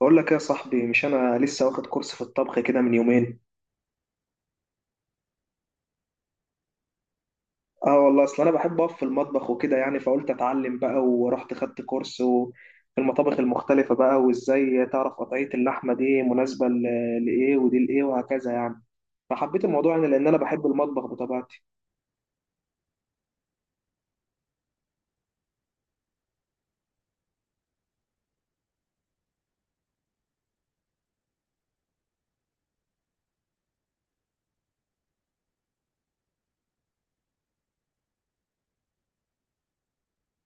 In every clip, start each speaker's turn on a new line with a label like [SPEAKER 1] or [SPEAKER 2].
[SPEAKER 1] بقول لك ايه يا صاحبي؟ مش انا لسه واخد كورس في الطبخ كده من يومين. اه والله، اصل انا بحب اقف في المطبخ وكده يعني، فقلت اتعلم بقى ورحت خدت كورس في المطابخ المختلفة بقى، وازاي تعرف قطعية اللحمة دي مناسبة لايه، ودي لايه، وهكذا يعني. فحبيت الموضوع يعني، لان انا بحب المطبخ بطبيعتي.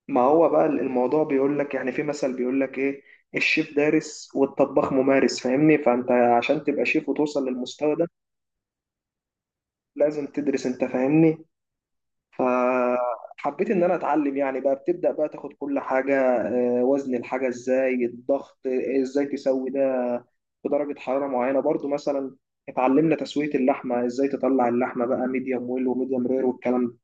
[SPEAKER 1] ما هو بقى الموضوع بيقول لك يعني، في مثل بيقول لك ايه: الشيف دارس والطباخ ممارس، فاهمني؟ فانت عشان تبقى شيف وتوصل للمستوى ده لازم تدرس، انت فاهمني. فحبيت ان انا اتعلم يعني، بقى بتبدا بقى تاخد كل حاجه. وزن الحاجه ازاي، الضغط، ازاي تسوي ده في درجه حراره معينه برضو مثلا. اتعلمنا تسويه اللحمه، ازاي تطلع اللحمه بقى ميديوم ويل وميديوم رير والكلام ده.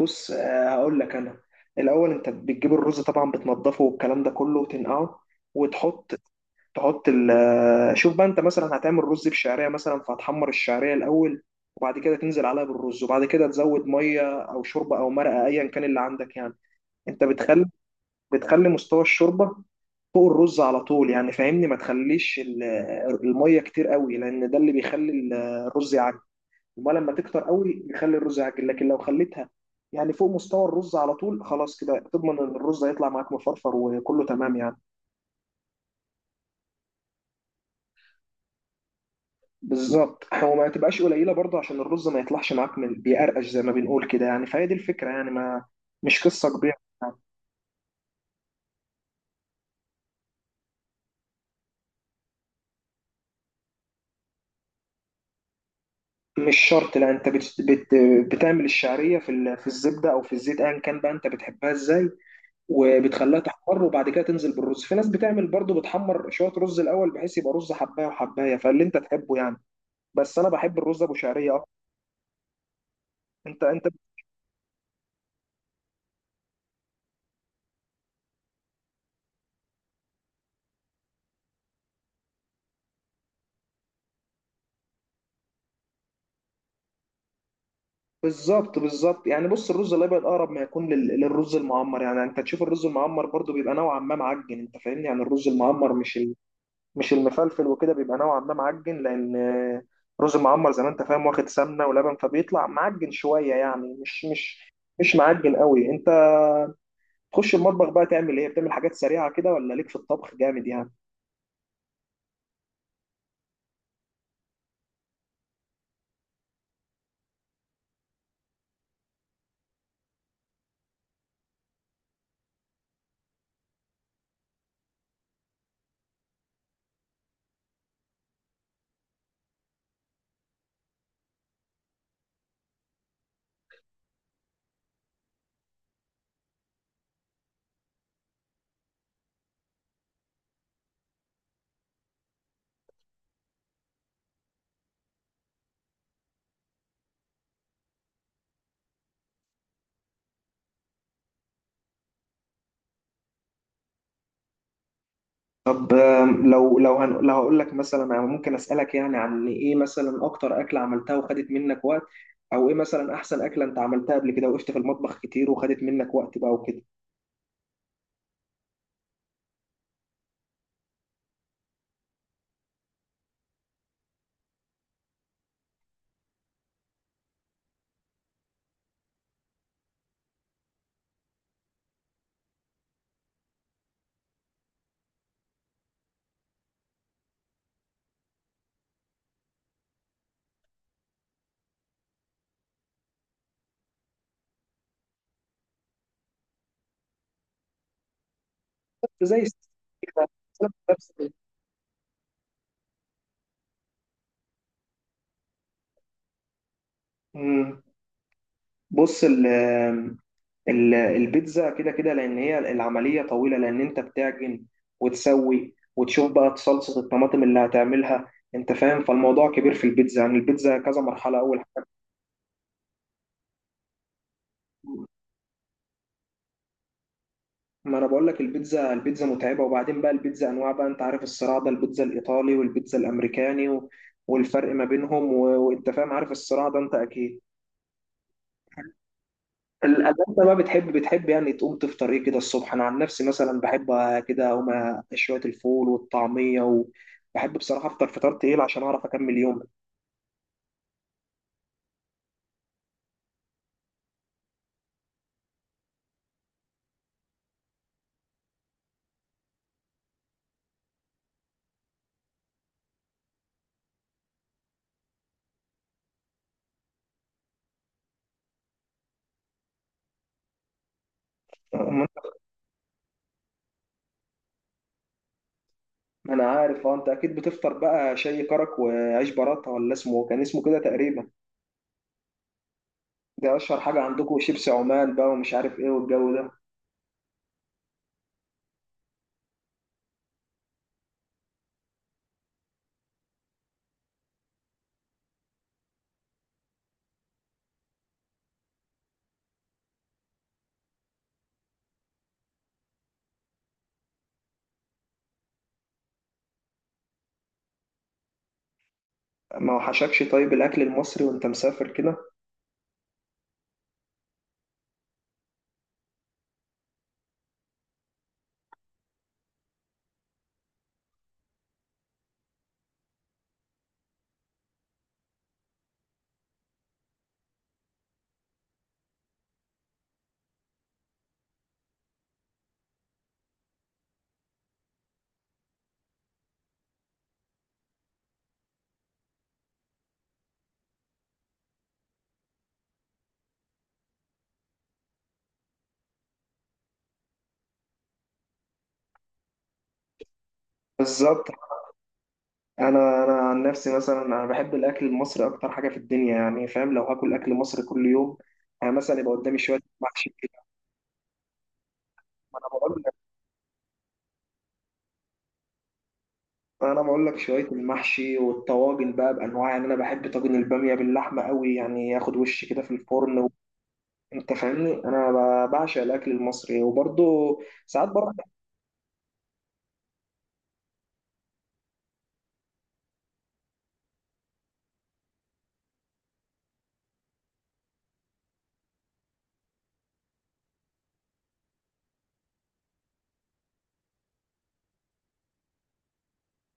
[SPEAKER 1] بص، هقول لك انا. الاول انت بتجيب الرز طبعا، بتنضفه والكلام ده كله، وتنقعه وتحط. تحط ال شوف بقى، انت مثلا هتعمل رز بشعريه مثلا، فهتحمر الشعريه الاول، وبعد كده تنزل عليها بالرز، وبعد كده تزود ميه او شوربه او مرقه ايا كان اللي عندك يعني. انت بتخلي مستوى الشوربه فوق الرز على طول يعني، فاهمني؟ ما تخليش الميه كتير قوي، لان ده اللي بيخلي الرز يعجن. وما لما تكتر قوي بيخلي الرز يعجن، لكن لو خليتها يعني فوق مستوى الرز على طول، خلاص كده تضمن ان الرز هيطلع معاك مفرفر وكله تمام يعني. بالظبط، وما تبقاش قليله برضه عشان الرز ما يطلعش معاك من بيقرقش زي ما بنقول كده يعني، فهي دي الفكره يعني، ما مش قصه كبيره يعني. مش شرط، لا، انت بت بت بتعمل الشعريه في الزبده او في الزيت ايا كان بقى، انت بتحبها ازاي. وبتخليها تحمر، وبعد كده تنزل بالرز. في ناس بتعمل برضه، بتحمر شويه رز الاول بحيث يبقى رز حبايه وحبايه، فاللي انت تحبه يعني. بس انا بحب الرز ابو شعريه اكتر. انت انت بالظبط، بالظبط، يعني بص، الرز الابيض اقرب ما يكون للرز المعمر، يعني انت تشوف الرز المعمر برضو بيبقى نوعا ما معجن، انت فاهمني؟ يعني الرز المعمر مش المفلفل، وكده بيبقى نوعا ما معجن، لان الرز المعمر زي ما انت فاهم واخد سمنه ولبن، فبيطلع معجن شويه يعني، مش معجن قوي. انت تخش المطبخ بقى تعمل ايه؟ بتعمل حاجات سريعه كده، ولا ليك في الطبخ جامد يعني؟ طب، لو هقول لك مثلا، أنا ممكن أسألك يعني عن إيه مثلا أكتر أكلة عملتها وخدت منك وقت، أو إيه مثلا أحسن أكلة أنت عملتها قبل كده وقفت في المطبخ كتير وخدت منك وقت بقى وكده؟ زي كده. مم. بص، البيتزا كده كده، لان هي العمليه طويله، لان انت بتعجن وتسوي، وتشوف بقى صلصه الطماطم اللي هتعملها، انت فاهم؟ فالموضوع كبير في البيتزا يعني، البيتزا كذا مرحله. اول ما انا بقول لك، البيتزا متعبه، وبعدين بقى البيتزا انواع بقى، انت عارف الصراع ده، البيتزا الايطالي والبيتزا الامريكاني، والفرق ما بينهم، وانت فاهم عارف الصراع ده انت اكيد. انت بقى بتحب يعني تقوم تفطر ايه كده الصبح؟ انا عن نفسي مثلا بحب كده اقوم شويه الفول والطعميه، وبحب بصراحه افطر فطار تقيل عشان اعرف اكمل يومي. ما انا عارف، اه، انت اكيد بتفطر بقى شاي كرك وعيش براته، ولا اسمه كان اسمه كده تقريبا. ده اشهر حاجه عندكم، شيبسي عمان بقى ومش عارف ايه والجو ده. ما وحشكش طيب الاكل المصري وانت مسافر كده؟ بالظبط. انا عن نفسي مثلا، انا بحب الاكل المصري اكتر حاجه في الدنيا يعني، فاهم؟ لو هاكل اكل مصري كل يوم، يعني مثلا يبقى قدامي شويه محشي كده. ما انا بقول لك، انا بقول لك شويه المحشي والطواجن بقى بانواع يعني، انا بحب طاجن الباميه باللحمه قوي يعني، ياخد وش كده في الفرن انت فاهمني؟ انا بعشق الاكل المصري، وبرضه ساعات بره.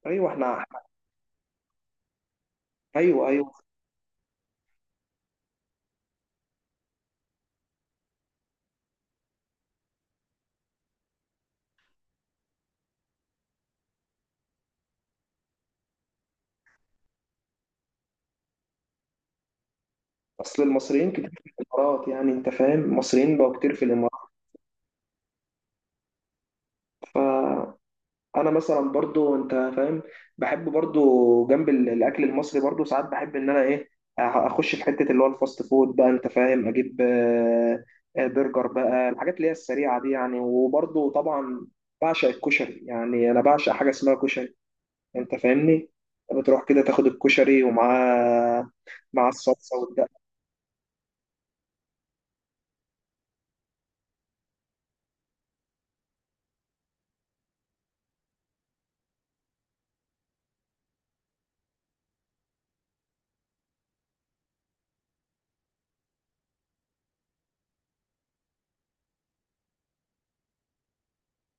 [SPEAKER 1] ايوه، احنا. ايوه، ايوه. اصل المصريين كتير في الامارات، يعني انت فاهم المصريين بقوا كتير في الامارات. انا مثلا برضو، انت فاهم، بحب برضو جنب الاكل المصري برضو، ساعات بحب ان انا ايه، اخش في حته اللي هو الفاست فود بقى، انت فاهم، اجيب برجر بقى، الحاجات اللي هي السريعه دي يعني. وبرضو طبعا بعشق الكشري، يعني انا بعشق حاجه اسمها كشري، انت فاهمني؟ بتروح كده تاخد الكشري ومعاه، مع الصلصه.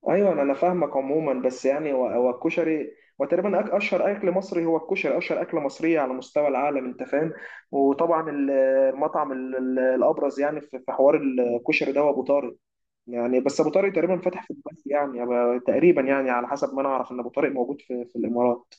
[SPEAKER 1] ايوه، انا فاهمك. عموما بس يعني هو الكشري، وتقريبا اشهر اكل مصري هو الكشري، اشهر اكله مصريه على مستوى العالم، انت فاهم؟ وطبعا المطعم الابرز يعني، في حوار الكشري ده، هو ابو طارق يعني. بس ابو طارق تقريبا فاتح في دبي يعني، تقريبا يعني على حسب ما انا اعرف ان ابو طارق موجود في الامارات.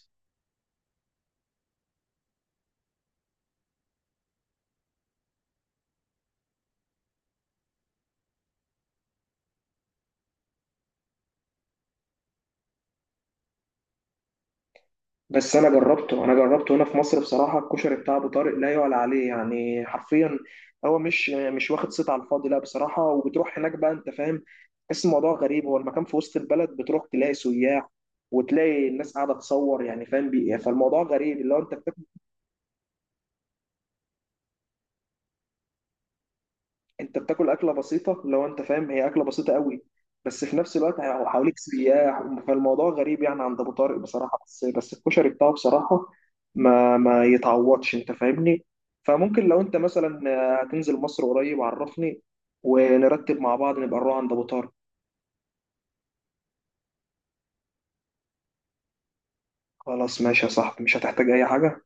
[SPEAKER 1] بس انا جربته هنا في مصر بصراحه، الكشري بتاع ابو طارق لا يعلى عليه يعني، حرفيا. هو مش واخد صيت على الفاضي، لا بصراحه. وبتروح هناك بقى، انت فاهم، تحس الموضوع غريب، هو المكان في وسط البلد، بتروح تلاقي سياح وتلاقي الناس قاعده تصور يعني، فاهم؟ فالموضوع غريب، اللي هو انت بتاكل اكله بسيطه، لو انت فاهم، هي اكله بسيطه قوي، بس في نفس الوقت هو حواليك سياح، فالموضوع غريب يعني عند ابو طارق بصراحه. بس الكشري بتاعه بصراحه ما يتعوضش، انت فاهمني؟ فممكن لو انت مثلا هتنزل مصر قريب عرفني ونرتب مع بعض نبقى نروح عند ابو طارق. خلاص ماشي يا صاحبي، مش هتحتاج اي حاجه.